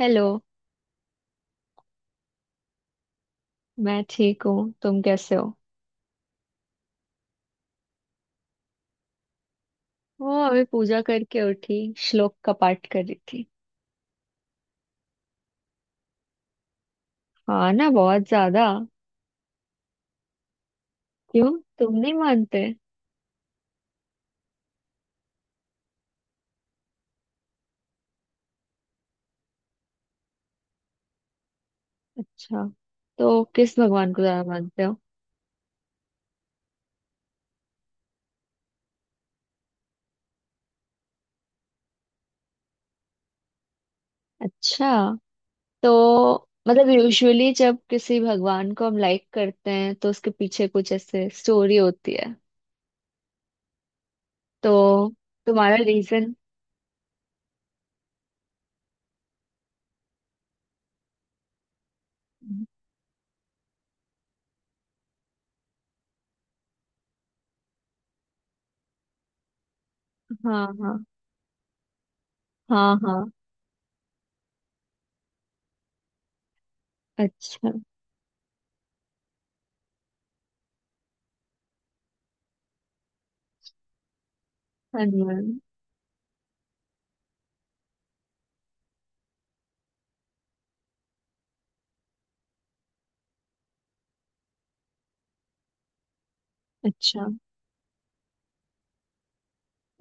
Hello. मैं ठीक हूँ। तुम कैसे हो? वो अभी पूजा करके उठी। श्लोक का पाठ कर रही थी। हाँ ना, बहुत ज्यादा। क्यों? तुम नहीं मानते? अच्छा। तो किस भगवान को ज्यादा मानते हो? अच्छा। तो मतलब यूजुअली जब किसी भगवान को हम लाइक करते हैं तो उसके पीछे कुछ ऐसे स्टोरी होती है। तो तुम्हारा रीजन? हाँ हाँ हाँ हाँ। अच्छा। हनुमान? अच्छा।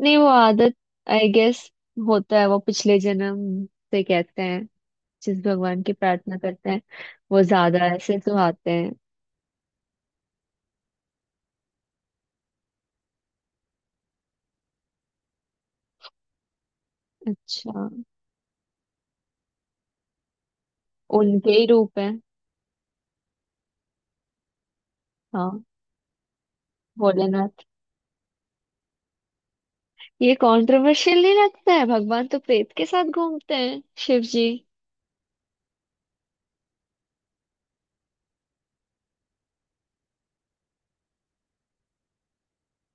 नहीं वो आदत, आई गेस, होता है वो पिछले जन्म से, कहते हैं जिस भगवान की प्रार्थना करते हैं वो ज्यादा ऐसे तो आते हैं। अच्छा। उनके ही रूप है। हाँ। भोलेनाथ? ये कंट्रोवर्शियल नहीं लगता है, भगवान तो प्रेत के साथ घूमते हैं, शिव जी।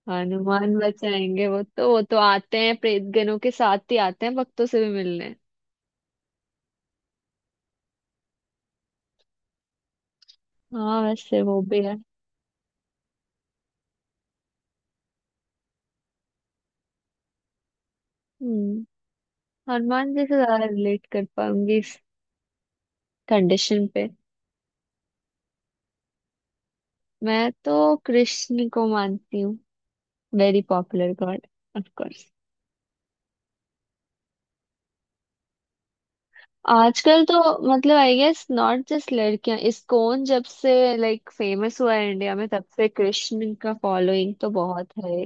हनुमान बचाएंगे? वो तो, वो तो आते हैं प्रेत गणों के साथ ही, आते हैं भक्तों से भी मिलने। हाँ वैसे वो भी है। हम्म। हनुमान जी से ज्यादा रिलेट कर पाऊंगी इस कंडीशन पे। मैं तो कृष्ण को मानती हूँ। Very popular god. Of course. आजकल तो, मतलब आई गेस नॉट जस्ट लड़कियां, इस्कॉन जब से लाइक फेमस हुआ है इंडिया में तब से कृष्ण का फॉलोइंग तो बहुत है।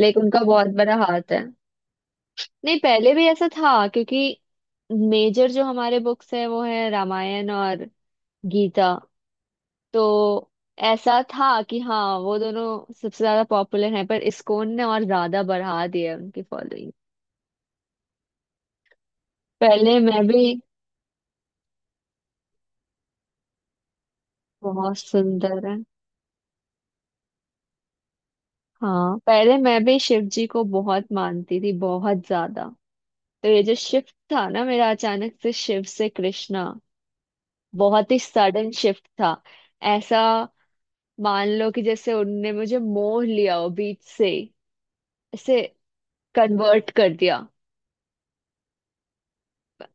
लाइक उनका बहुत बड़ा हाथ है। नहीं पहले भी ऐसा था क्योंकि मेजर जो हमारे बुक्स है वो है रामायण और गीता। तो ऐसा था कि हाँ वो दोनों सबसे ज्यादा पॉपुलर हैं, पर इस्कॉन ने और ज्यादा बढ़ा दिया है उनकी फॉलोइंग। पहले मैं भी। बहुत सुंदर है। हाँ पहले मैं भी शिव जी को बहुत मानती थी, बहुत ज्यादा। तो ये जो शिफ्ट था ना मेरा, अचानक से शिव से कृष्णा, बहुत ही सडन शिफ्ट था। ऐसा, मान लो कि जैसे उनने मुझे मोह लिया हो, बीच से ऐसे कन्वर्ट कर दिया। प-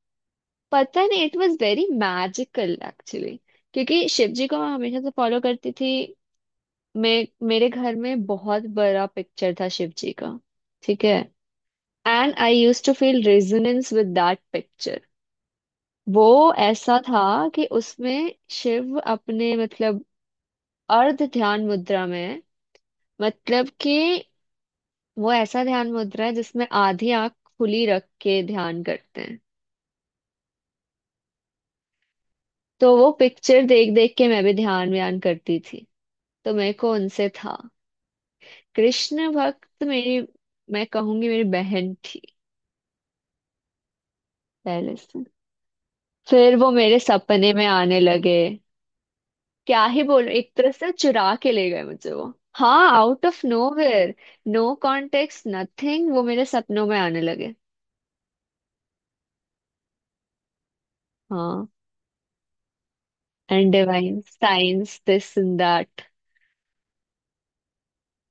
पता नहीं, it was very magical actually. क्योंकि शिव जी को मैं हमेशा से फॉलो करती थी। मैं, मेरे घर में बहुत बड़ा पिक्चर था शिव जी का। ठीक है। And I used to feel resonance with that picture. वो ऐसा था कि उसमें शिव अपने, मतलब अर्ध ध्यान मुद्रा में है। मतलब कि वो ऐसा ध्यान मुद्रा है जिसमें आधी आंख खुली रख के ध्यान करते हैं। तो वो पिक्चर देख देख के मैं भी ध्यान व्यान करती थी। तो मेरे को उनसे था। कृष्ण भक्त मेरी, मैं कहूंगी मेरी बहन थी पहले से। फिर वो मेरे सपने में आने लगे। क्या ही बोलूं, एक तरह से चुरा के ले गए मुझे वो। हाँ, out of nowhere. No context nothing, वो मेरे सपनों में आने लगे। हाँ। And divine science, this and that.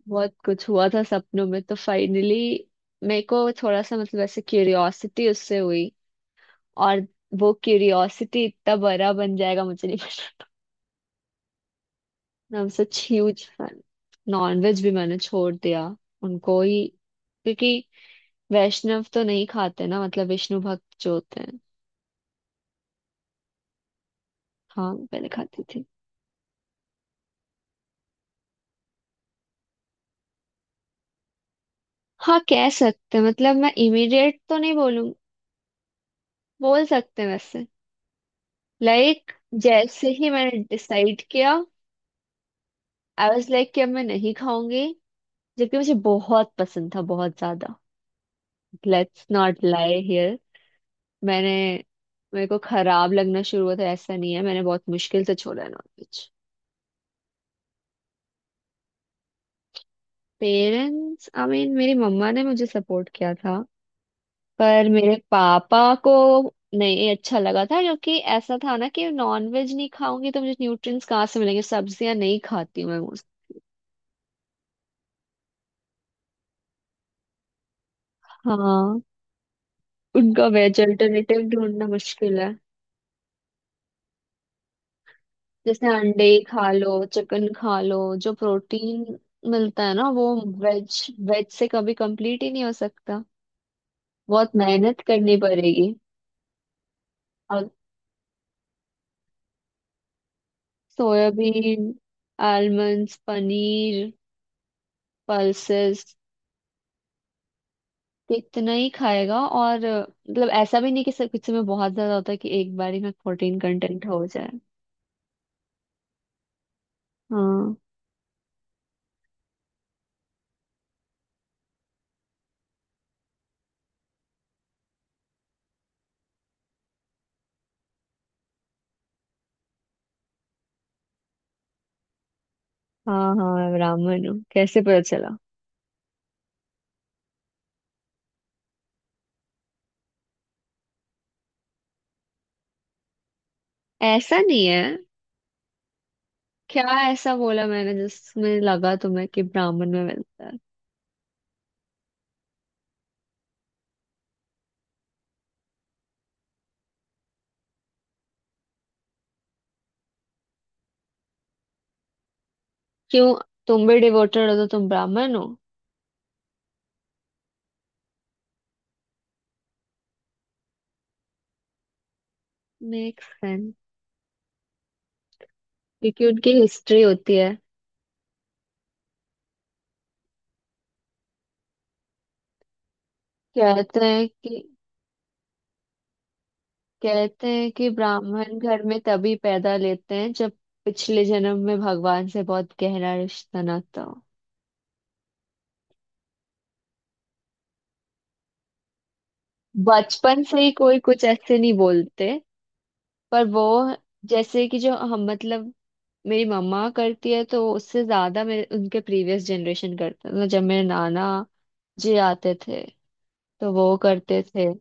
बहुत कुछ हुआ था सपनों में, तो फाइनली मेरे को थोड़ा सा, मतलब ऐसे क्यूरियोसिटी उससे हुई। और वो क्यूरियोसिटी इतना बड़ा बन जाएगा, मुझे नहीं पता। मैं सच ह्यूज फैन। नॉनवेज भी मैंने छोड़ दिया, उनको ही, क्योंकि वैष्णव तो नहीं खाते ना, मतलब विष्णु भक्त जो होते हैं। हाँ मैं पहले खाती थी। हाँ कह सकते हैं। मतलब मैं इमीडिएट तो नहीं बोलूं, बोल सकते हैं वैसे। लाइक जैसे ही मैंने डिसाइड किया, आई वाज लाइक कि अब मैं नहीं खाऊंगी। जबकि मुझे बहुत पसंद था, बहुत ज्यादा। Let's not lie here. मैंने, मेरे को खराब लगना शुरू हुआ था ऐसा नहीं है, मैंने बहुत मुश्किल से छोड़ा नॉनवेज। पेरेंट्स, आई मीन मेरी मम्मा ने मुझे सपोर्ट किया था। पर मेरे पापा को नहीं अच्छा लगा था, क्योंकि ऐसा था ना कि नॉनवेज नहीं खाऊंगी तो मुझे न्यूट्रिएंट्स कहाँ से मिलेंगे। सब्जियां नहीं खाती हूँ मैं मोस्ट। हाँ। उनका वेज अल्टरनेटिव ढूंढना मुश्किल है। जैसे अंडे ही खा लो, चिकन खा लो, जो प्रोटीन मिलता है ना वो, वेज, वेज से कभी कंप्लीट ही नहीं हो सकता। बहुत मेहनत करनी पड़ेगी। और सोयाबीन, आलमंड्स, पनीर, पल्सेस, कितना ही खाएगा। और मतलब ऐसा भी नहीं कि सब कुछ में बहुत ज्यादा होता है कि एक बार ही में प्रोटीन कंटेंट हो जाए। हाँ हाँ हाँ, ब्राह्मण हूँ। कैसे पता चला? ऐसा नहीं है क्या? ऐसा बोला मैंने जिसमें लगा तुम्हें कि ब्राह्मण में मिलता है? क्यों? तुम भी डिवोटेड हो तो तुम ब्राह्मण हो? Make sense. क्योंकि उनकी हिस्ट्री होती है। कहते हैं कि कहते हैं कि ब्राह्मण घर में तभी पैदा लेते हैं, जब पिछले जन्म में भगवान से बहुत गहरा रिश्ता नाता हो। बचपन से ही कोई कुछ ऐसे नहीं बोलते, पर वो, जैसे कि जो हम, मतलब मेरी मम्मा करती है, तो उससे ज्यादा मेरे, उनके प्रीवियस जनरेशन करते हैं। मतलब जब मेरे नाना जी आते थे तो वो करते थे।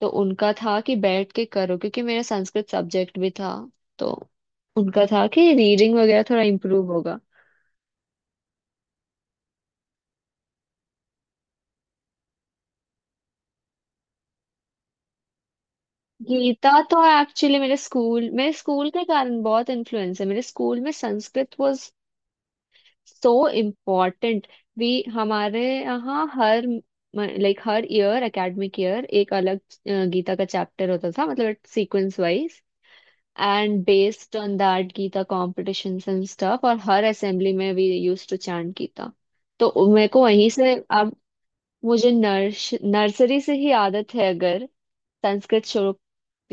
तो उनका था कि बैठ के करो, क्योंकि मेरा संस्कृत सब्जेक्ट भी था। तो उनका था कि रीडिंग वगैरह थोड़ा इम्प्रूव होगा। गीता तो एक्चुअली मेरे स्कूल, मेरे स्कूल के कारण बहुत इन्फ्लुएंस है। मेरे स्कूल में संस्कृत, वो सो इम्पॉर्टेंट। वी, हमारे यहाँ हर, लाइक हर ईयर, एकेडमिक ईयर एक अलग गीता का चैप्टर होता था, मतलब sequence wise. And based on that Gita competitions and stuff, और हर असेंबली में we used to chant Gita. तो मेरे को वहीं से। अब मुझे नर्सरी से ही आदत है, अगर संस्कृत श्लोक,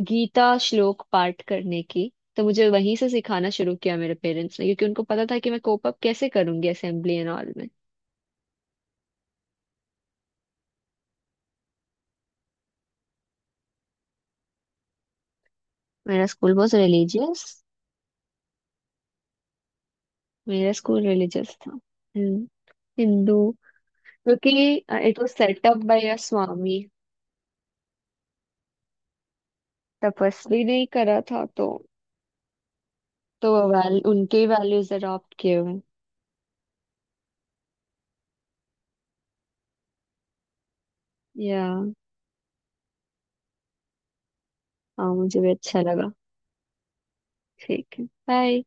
गीता श्लोक पाठ करने की। तो मुझे वहीं से सिखाना शुरू किया मेरे पेरेंट्स ने, क्योंकि उनको पता था कि मैं कोप अप कैसे करूंगी असेंबली एंड ऑल में। मेरा स्कूल बहुत रिलीजियस। मेरा स्कूल रिलीजियस था, हिंदू। क्योंकि it was set up by a swami, तपस्वी नहीं करा था तो। तो वो, वैल, उनके ही वैल्यूज अडॉप्ट किए हुए। या। हाँ मुझे भी अच्छा लगा। ठीक है, बाय।